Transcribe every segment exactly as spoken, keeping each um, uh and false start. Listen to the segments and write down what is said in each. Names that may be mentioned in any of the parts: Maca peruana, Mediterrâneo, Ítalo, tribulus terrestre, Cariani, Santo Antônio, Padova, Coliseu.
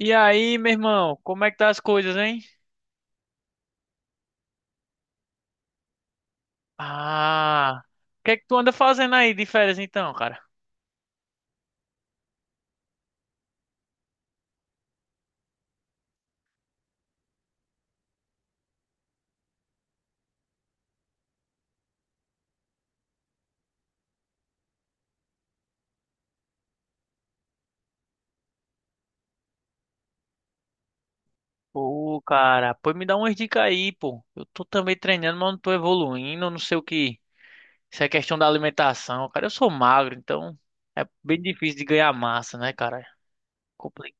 E aí, meu irmão, como é que tá as coisas, hein? Ah, o que é que tu anda fazendo aí de férias então, cara? Pô, cara, pô, me dá umas dicas aí, pô. Eu tô também treinando, mas não tô evoluindo, eu não sei o que. Isso é questão da alimentação, cara. Eu sou magro, então é bem difícil de ganhar massa, né, cara? Complicado.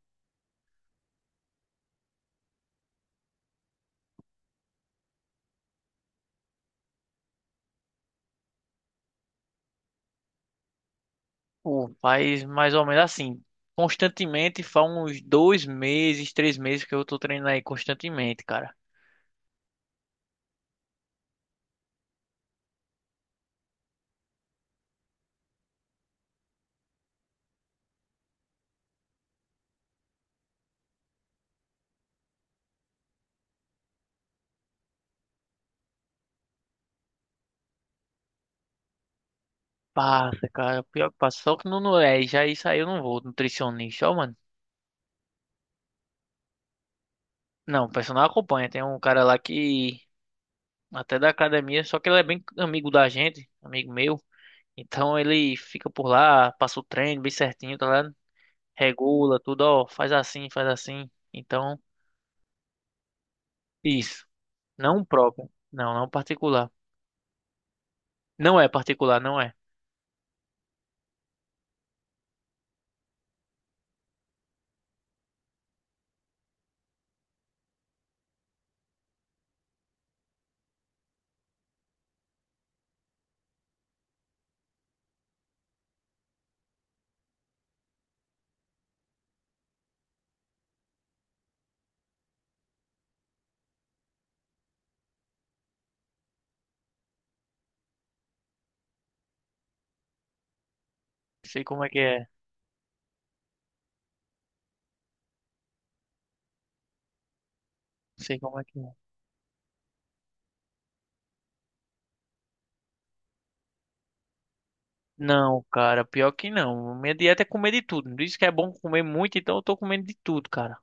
Pô, faz mais ou menos assim. Constantemente, faz uns dois meses, três meses que eu tô treinando aí constantemente, cara. Passa, cara. Pior que passa. Só que não não é, já isso aí eu não vou, nutricionista, ó, mano. Não, o personal acompanha. Tem um cara lá que até da academia, só que ele é bem amigo da gente, amigo meu. Então ele fica por lá, passa o treino bem certinho, tá ligado? Regula tudo, ó, faz assim, faz assim. Então, isso. Não próprio. Não, não particular. Não é particular, não é. Sei como é que é. Sei como é que é. Não, cara, pior que não. Minha dieta é comer de tudo. Diz que é bom comer muito, então eu tô comendo de tudo, cara.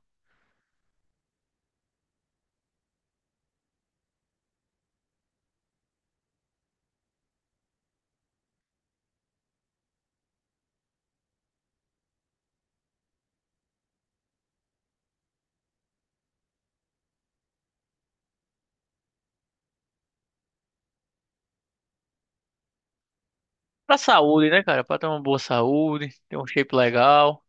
Pra saúde, né, cara? Pra ter uma boa saúde, ter um shape legal.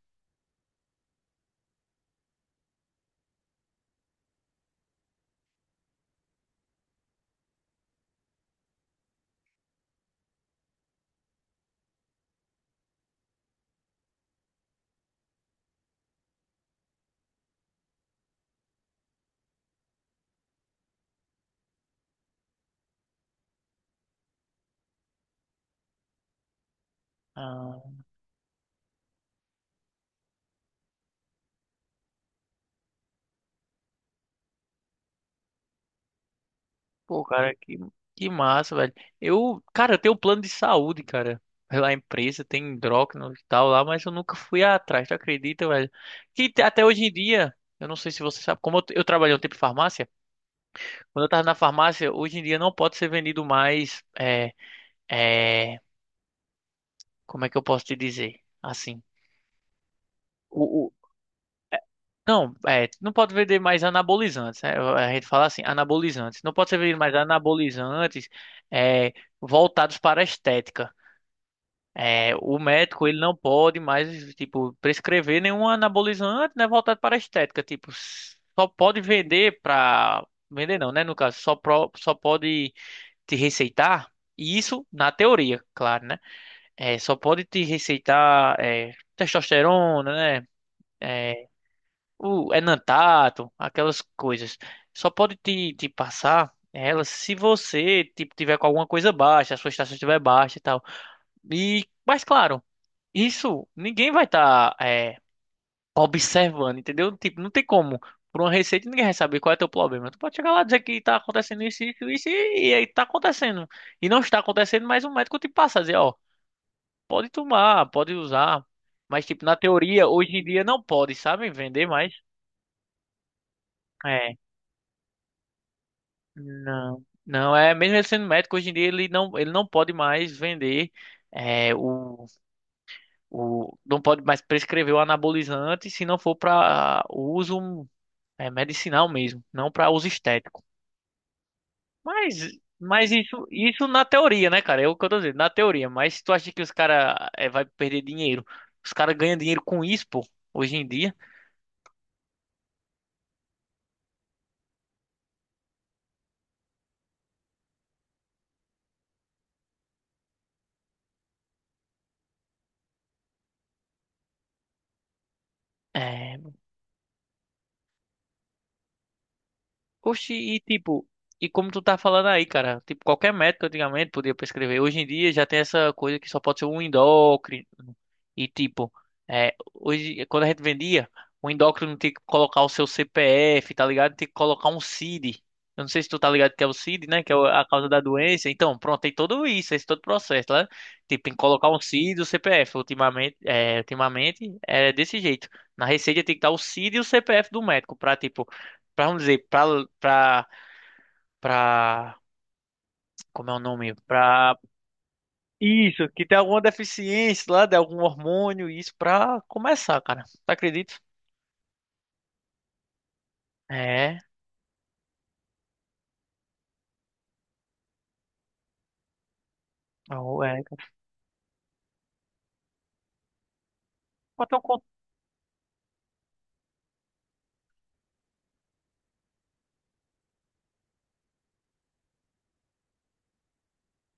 Ah. Pô, cara, que, que massa, velho. Eu, cara, eu tenho um plano de saúde, cara. Pela empresa, tem endócrino e tal lá, mas eu nunca fui atrás, tu acredita, velho? Que te- até hoje em dia, eu não sei se você sabe, como eu, eu trabalhei um tempo em farmácia, quando eu tava na farmácia, hoje em dia não pode ser vendido mais, é, é, como é que eu posso te dizer? Assim, o, o- não, é, não pode vender mais anabolizantes, né? A gente fala assim, anabolizantes. Não pode ser vendido mais anabolizantes, é, voltados para a estética. É, o médico ele não pode mais tipo prescrever nenhum anabolizante, né, voltado para a estética, tipo, só pode vender para vender não, né, no caso, só pro- só pode te receitar e isso na teoria, claro, né? É, só pode te receitar é, testosterona, né? É, o enantato, aquelas coisas. Só pode te, te passar elas se você tipo tiver com alguma coisa baixa, a sua estação estiver baixa e tal. E mas claro, isso ninguém vai estar observando, entendeu? Tipo, não tem como. Por uma receita ninguém vai saber qual é teu problema. Tu pode chegar lá e dizer que tá acontecendo isso, isso, isso, e, e aí tá acontecendo. E não está acontecendo, mas o médico te passa a dizer, ó, pode tomar, pode usar. Mas, tipo, na teoria, hoje em dia não pode, sabe? Vender mais. É. Não. Não, é mesmo ele sendo médico, hoje em dia ele não, ele não pode mais vender. É, o, o, não pode mais prescrever o anabolizante se não for para uso É medicinal mesmo, não para uso estético. Mas, mas isso, isso na teoria, né, cara? É o que eu tô dizendo, na teoria. Mas tu acha que os caras é, vai perder dinheiro? Os caras ganham dinheiro com isso, pô, hoje em dia. É, oxi, e tipo, e como tu tá falando aí, cara, tipo, qualquer médico antigamente podia prescrever. Hoje em dia já tem essa coisa que só pode ser um endócrino. E tipo, é, hoje, quando a gente vendia, o endócrino tinha que colocar o seu C P F, tá ligado? Tinha que colocar um C I D. Eu não sei se tu tá ligado que é o C I D, né? Que é o- a causa da doença. Então, pronto, tem tudo isso, esse todo processo, né? Tipo, tem que colocar um C I D e o C P F. Ultimamente, é, ultimamente é desse jeito. Na receita tem que estar o C I D e o C P F do médico pra, tipo, pra, vamos dizer, pra, pra, pra, como é o nome? Pra, isso, que tem alguma deficiência lá, de algum hormônio, isso pra começar, cara. Tu acredita? É, oh, é. Então, com-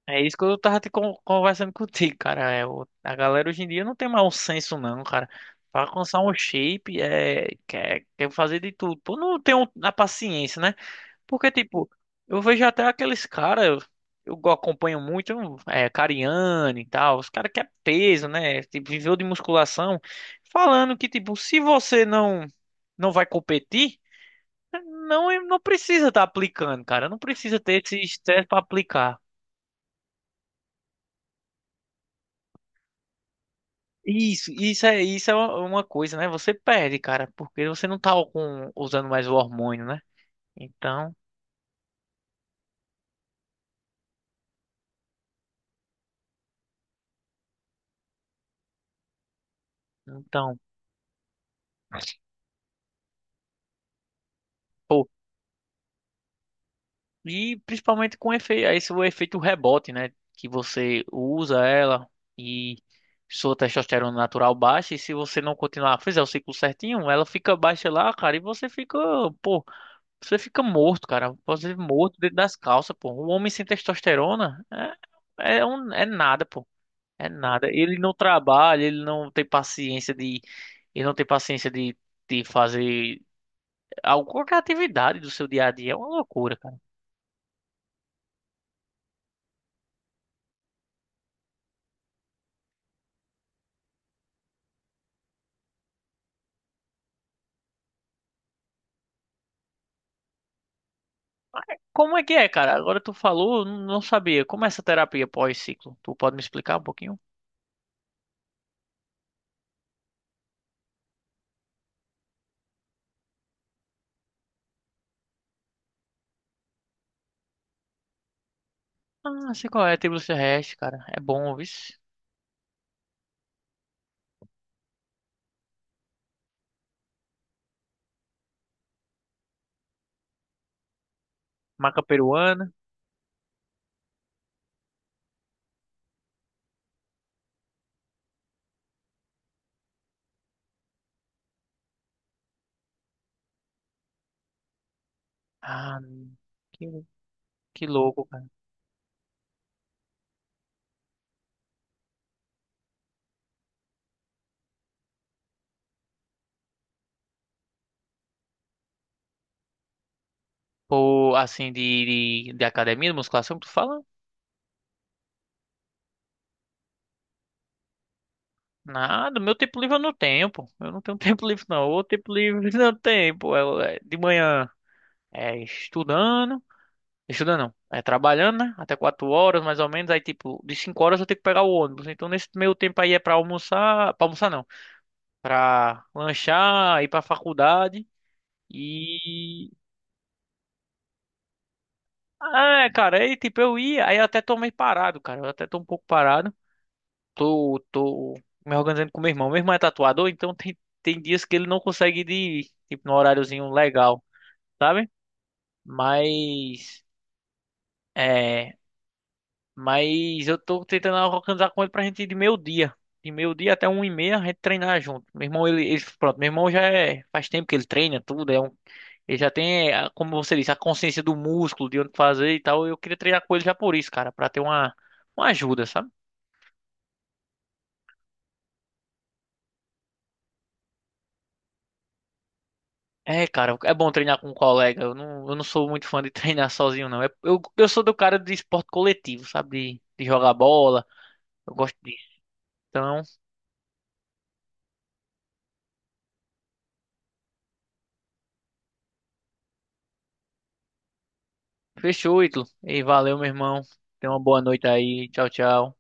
é isso que eu tava te con- conversando contigo, cara. É, o- a galera hoje em dia não tem mais um senso, não, cara. Pra alcançar um shape, é, quer, quer fazer de tudo. Pô, não tem um- a paciência, né? Porque, tipo, eu vejo até aqueles caras, eu eu acompanho muito, é, Cariani e tal, os caras que é peso, né? Tipo, viveu de musculação, falando que, tipo, se você não não vai competir, não, não precisa estar aplicando, cara. Não precisa ter esse estresse pra aplicar. Isso, isso é, isso é uma uma coisa, né? Você perde, cara, porque você não tá com, usando mais o hormônio, né? Então, então. E principalmente com efeito, esse é o efeito rebote, né? Que você usa ela e sua testosterona natural baixa. E se você não continuar, fizer o ciclo certinho, ela fica baixa lá, cara. E você fica, pô, você fica morto, cara. Você fica morto dentro das calças, pô. Um homem sem testosterona é, é, um, é nada, pô. É nada. Ele não trabalha, ele não tem paciência de, ele não tem paciência de, de fazer alguma qualquer atividade do seu dia a dia. É uma loucura. Como é que é, cara? Agora tu falou, eu não sabia. Como é essa terapia pós-ciclo? Tu pode me explicar um pouquinho? Ah, sei qual é, tribulus terrestre, cara. É bom, vice. Maca peruana. Ah, que, que louco, cara. Pô, assim, de, de, de academia, de musculação que tu fala? Nada, meu tempo livre eu não tenho, pô. Eu não tenho tempo livre, não. O tempo livre não tem, pô. É, é de manhã é estudando. Estudando não. É trabalhando, né? Até quatro horas, mais ou menos. Aí, tipo, de cinco horas eu tenho que pegar o ônibus. Então, nesse meio tempo aí é pra almoçar. Pra almoçar, não. Pra lanchar, ir pra faculdade. E. Ah, é, cara, aí, tipo, eu ia. Aí eu até tô meio parado, cara. Eu até tô um pouco parado. Tô, tô me organizando com meu irmão. Meu irmão é tatuador, então tem, tem dias que ele não consegue ir, de- tipo, no horáriozinho legal, sabe? Mas. É. Mas eu tô tentando organizar com ele pra gente ir de meio-dia. De meio-dia até um e meia a gente treinar junto. Meu irmão, ele, ele- pronto, meu irmão já é, faz tempo que ele treina tudo, é um, ele já tem, a- como você disse, a consciência do músculo, de onde fazer e tal. Eu queria treinar com ele já por isso, cara, pra ter uma, uma ajuda, sabe? É, cara, é bom treinar com um colega. Eu não, eu não sou muito fã de treinar sozinho, não. É- Eu, eu sou do cara de esporte coletivo, sabe? De, de jogar bola. Eu gosto disso. Então, fechou, Ítalo. E valeu, meu irmão. Tenha uma boa noite aí. Tchau, tchau.